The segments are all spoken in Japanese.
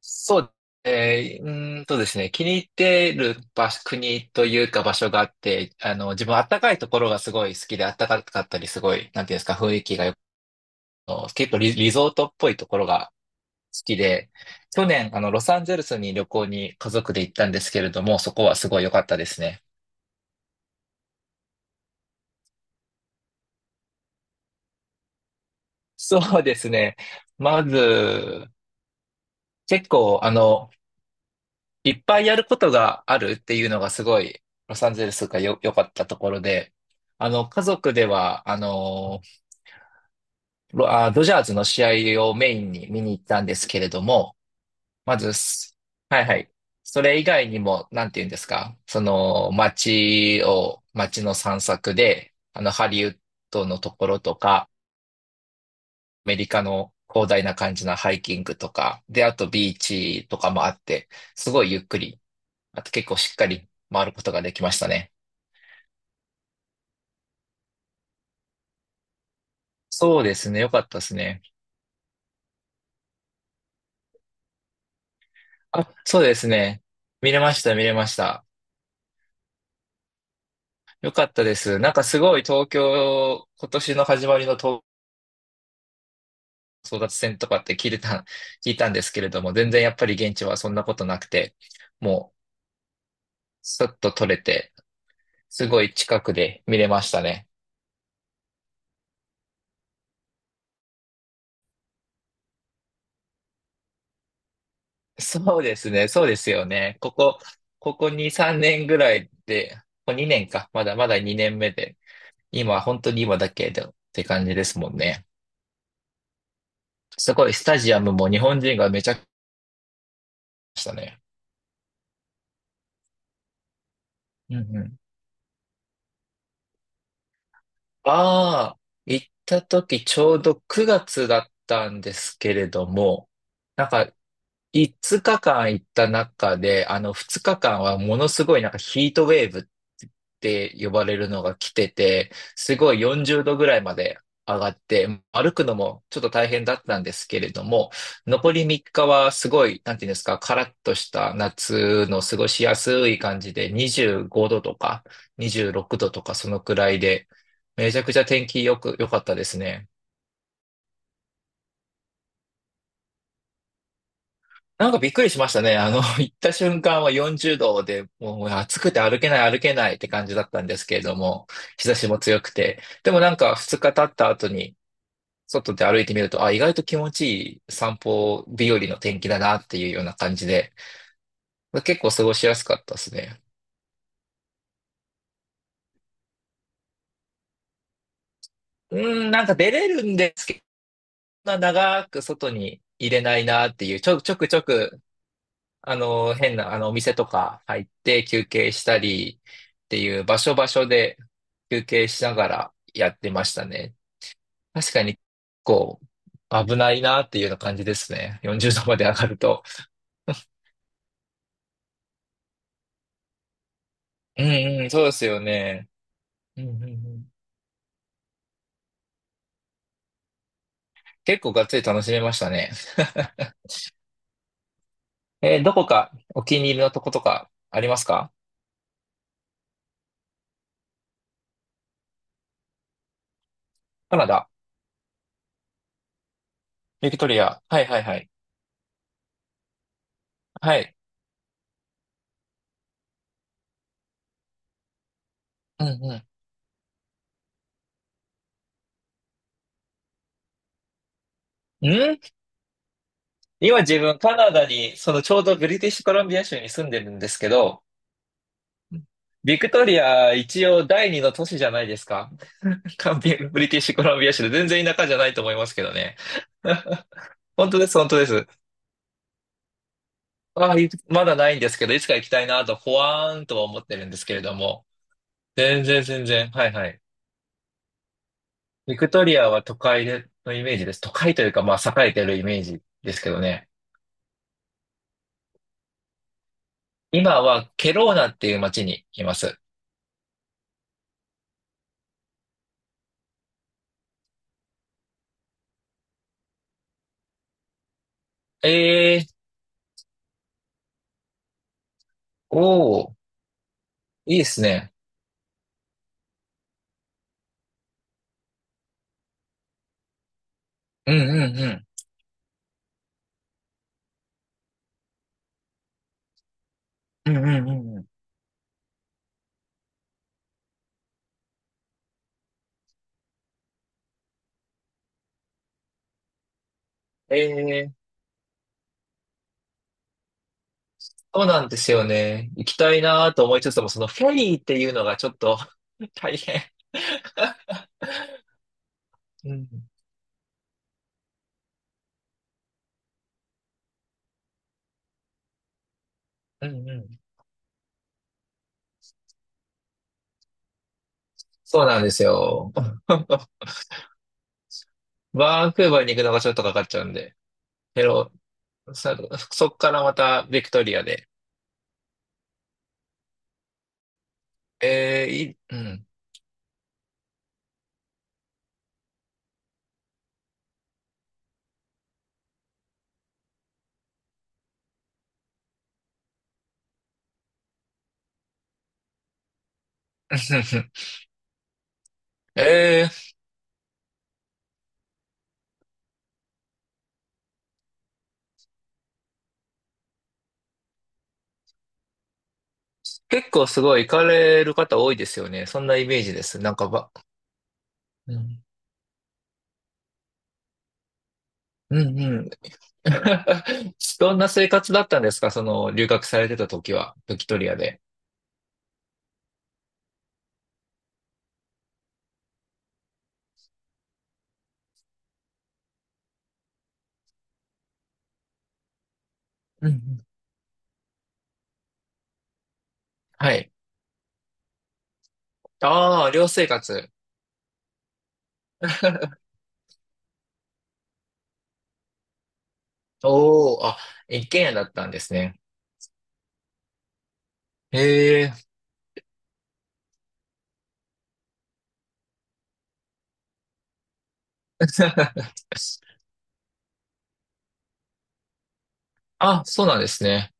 そう、えー、うーんとですね、気に入ってる場所、国というか場所があって、自分暖かいところがすごい好きで、暖かかったりすごい、なんていうんですか、雰囲気がよく、結構リゾートっぽいところが好きで、去年、ロサンゼルスに旅行に家族で行ったんですけれども、そこはすごい良かったですね。そうですね。まず、結構、いっぱいやることがあるっていうのがすごい、ロサンゼルスがよ、良かったところで、家族では、ドジャーズの試合をメインに見に行ったんですけれども、まずす、はいはい。それ以外にも、なんて言うんですか、街の散策で、ハリウッドのところとか、アメリカの広大な感じのハイキングとか、で、あとビーチとかもあって、すごいゆっくり、あと結構しっかり回ることができましたね。そうですね。よかったですね。あ、そうですね。見れました、見れました。よかったです。なんかすごい東京、今年の始まりの東争奪戦とかって聞いたんですけれども、全然やっぱり現地はそんなことなくて、もう、スッと取れて、すごい近くで見れましたね。そうですね、そうですよね。ここ2、3年ぐらいで、ここ2年か、まだまだ2年目で、今、本当に今だけでって感じですもんね。すごい、スタジアムも日本人がめちゃくちゃ来ましたね。うんうん。ああ、行った時ちょうど9月だったんですけれども、なんか5日間行った中で、あの2日間はものすごいなんかヒートウェーブって呼ばれるのが来てて、すごい40度ぐらいまで上がって、歩くのもちょっと大変だったんですけれども、残り3日はすごい、なんていうんですか、カラッとした夏の過ごしやすい感じで、25度とか26度とかそのくらいで、めちゃくちゃ天気よく、良かったですね。なんかびっくりしましたね。行った瞬間は40度で、もう暑くて歩けない歩けないって感じだったんですけれども、日差しも強くて。でもなんか2日経った後に、外で歩いてみると、あ、意外と気持ちいい散歩日和の天気だなっていうような感じで、結構過ごしやすかったですね。うーん、なんか出れるんですけど、そんな長く外に入れないなっていう、ちょくちょく変な、お店とか入って休憩したりっていう場所場所で休憩しながらやってましたね。確かに、こう、危ないなっていうような感じですね。40度まで上がると。うんうん、そうですよね。うんうんうん、結構がっつり楽しめましたね。どこかお気に入りのとことかありますか？カナダ、ビクトリア。はいはいはい。はい。うんうん。今自分カナダに、ちょうどブリティッシュコロンビア州に住んでるんですけど、ビクトリア一応第二の都市じゃないですか。カンビブリティッシュコロンビア州で全然田舎じゃないと思いますけどね。本当です、本当です。ああ、いまだないんですけど、いつか行きたいなと、ほわーんとは思ってるんですけれども。全然、全然。はいはい。ビクトリアは都会でのイメージです。都会というか、まあ、栄えてるイメージですけどね。今はケローナっていう街にいます。ええー、おー。いいですね。うんうんうん。うんうんうんうん。ええー、そうなんですよね。行きたいなと思いつつも、そのフェリーっていうのがちょっと 大変。うん、うん、うん。そうなんですよ。バンクーバーに行くのがちょっとかかっちゃうんで。けど、さそっからまたビクトリアで。ええ、いい、うん。ええ、結構すごい行かれる方多いですよね。そんなイメージです。なんかば、うん、うん、うん。 どんな生活だったんですか、その、留学されてた時は、ビクトリアで。うんうん。はい。ああ、寮生活。おお、あ、一軒家だったんですね。へえ。あ、そうなんですね。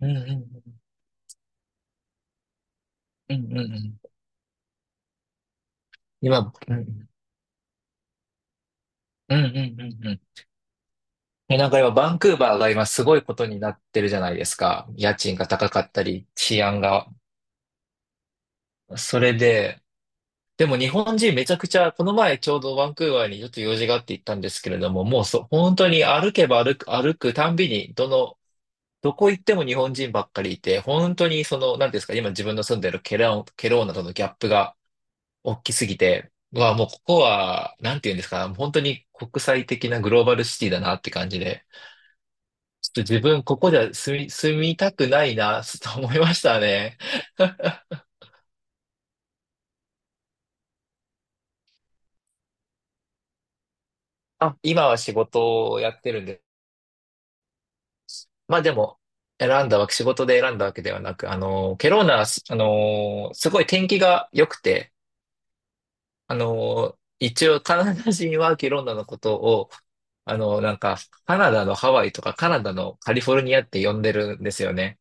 うんうんうん。うんうんうん。今、うんうんうんうんうん。え、なんか今、バンクーバーが今すごいことになってるじゃないですか。家賃が高かったり、治安が。それで、でも日本人めちゃくちゃ、この前ちょうどバンクーバーにちょっと用事があって行ったんですけれども、もうそ、本当に歩けば歩く、歩くたんびに、どこ行っても日本人ばっかりいて、本当になんていうんですか、今自分の住んでるケローナとのギャップが大きすぎて、うわ、もうここは、なんていうんですか、本当に国際的なグローバルシティだなって感じで、ちょっと自分ここじゃ住みたくないな、と思いましたね。あ、今は仕事をやってるんです。まあでも、選んだわけ、仕事で選んだわけではなく、ケローナはす、あの、すごい天気が良くて、一応カナダ人はケローナのことを、あの、なんか、カナダのハワイとかカナダのカリフォルニアって呼んでるんですよね。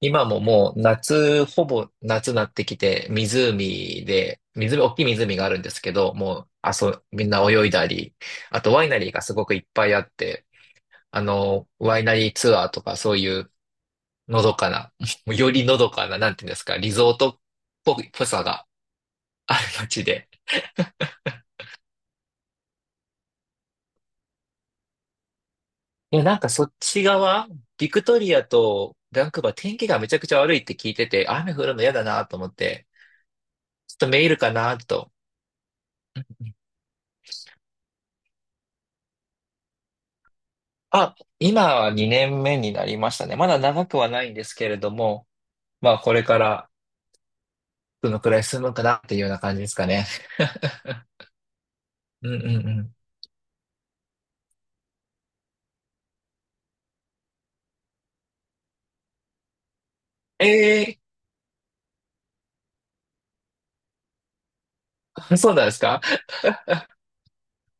今ももう夏、ほぼ夏になってきて、湖で、湖、大きい湖があるんですけど、もう、あ、そう、みんな泳いだり、あとワイナリーがすごくいっぱいあって、ワイナリーツアーとかそういうのどかな、よりのどかな、なんていうんですか、リゾートっぽい、ぽさがある街で。いや、なんかそっち側、ビクトリアとバンクーバー天気がめちゃくちゃ悪いって聞いてて、雨降るの嫌だなと思って、ちょっとメールかなと。あ、今は2年目になりましたね。まだ長くはないんですけれども、まあこれからどのくらい進むかなっていうような感じですかね。うんうんうん。ええー、そうなんですか？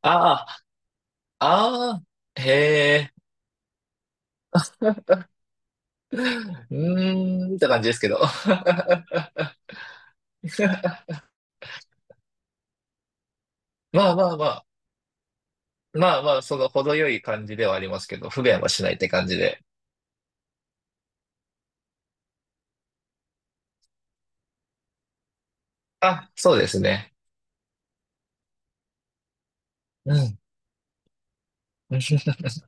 ああ、ああ、へえ。うーんって感じですけど。まあまあまあ、まあまあ、その程よい感じではありますけど、不便はしないって感じで。あ、そうですね。うん。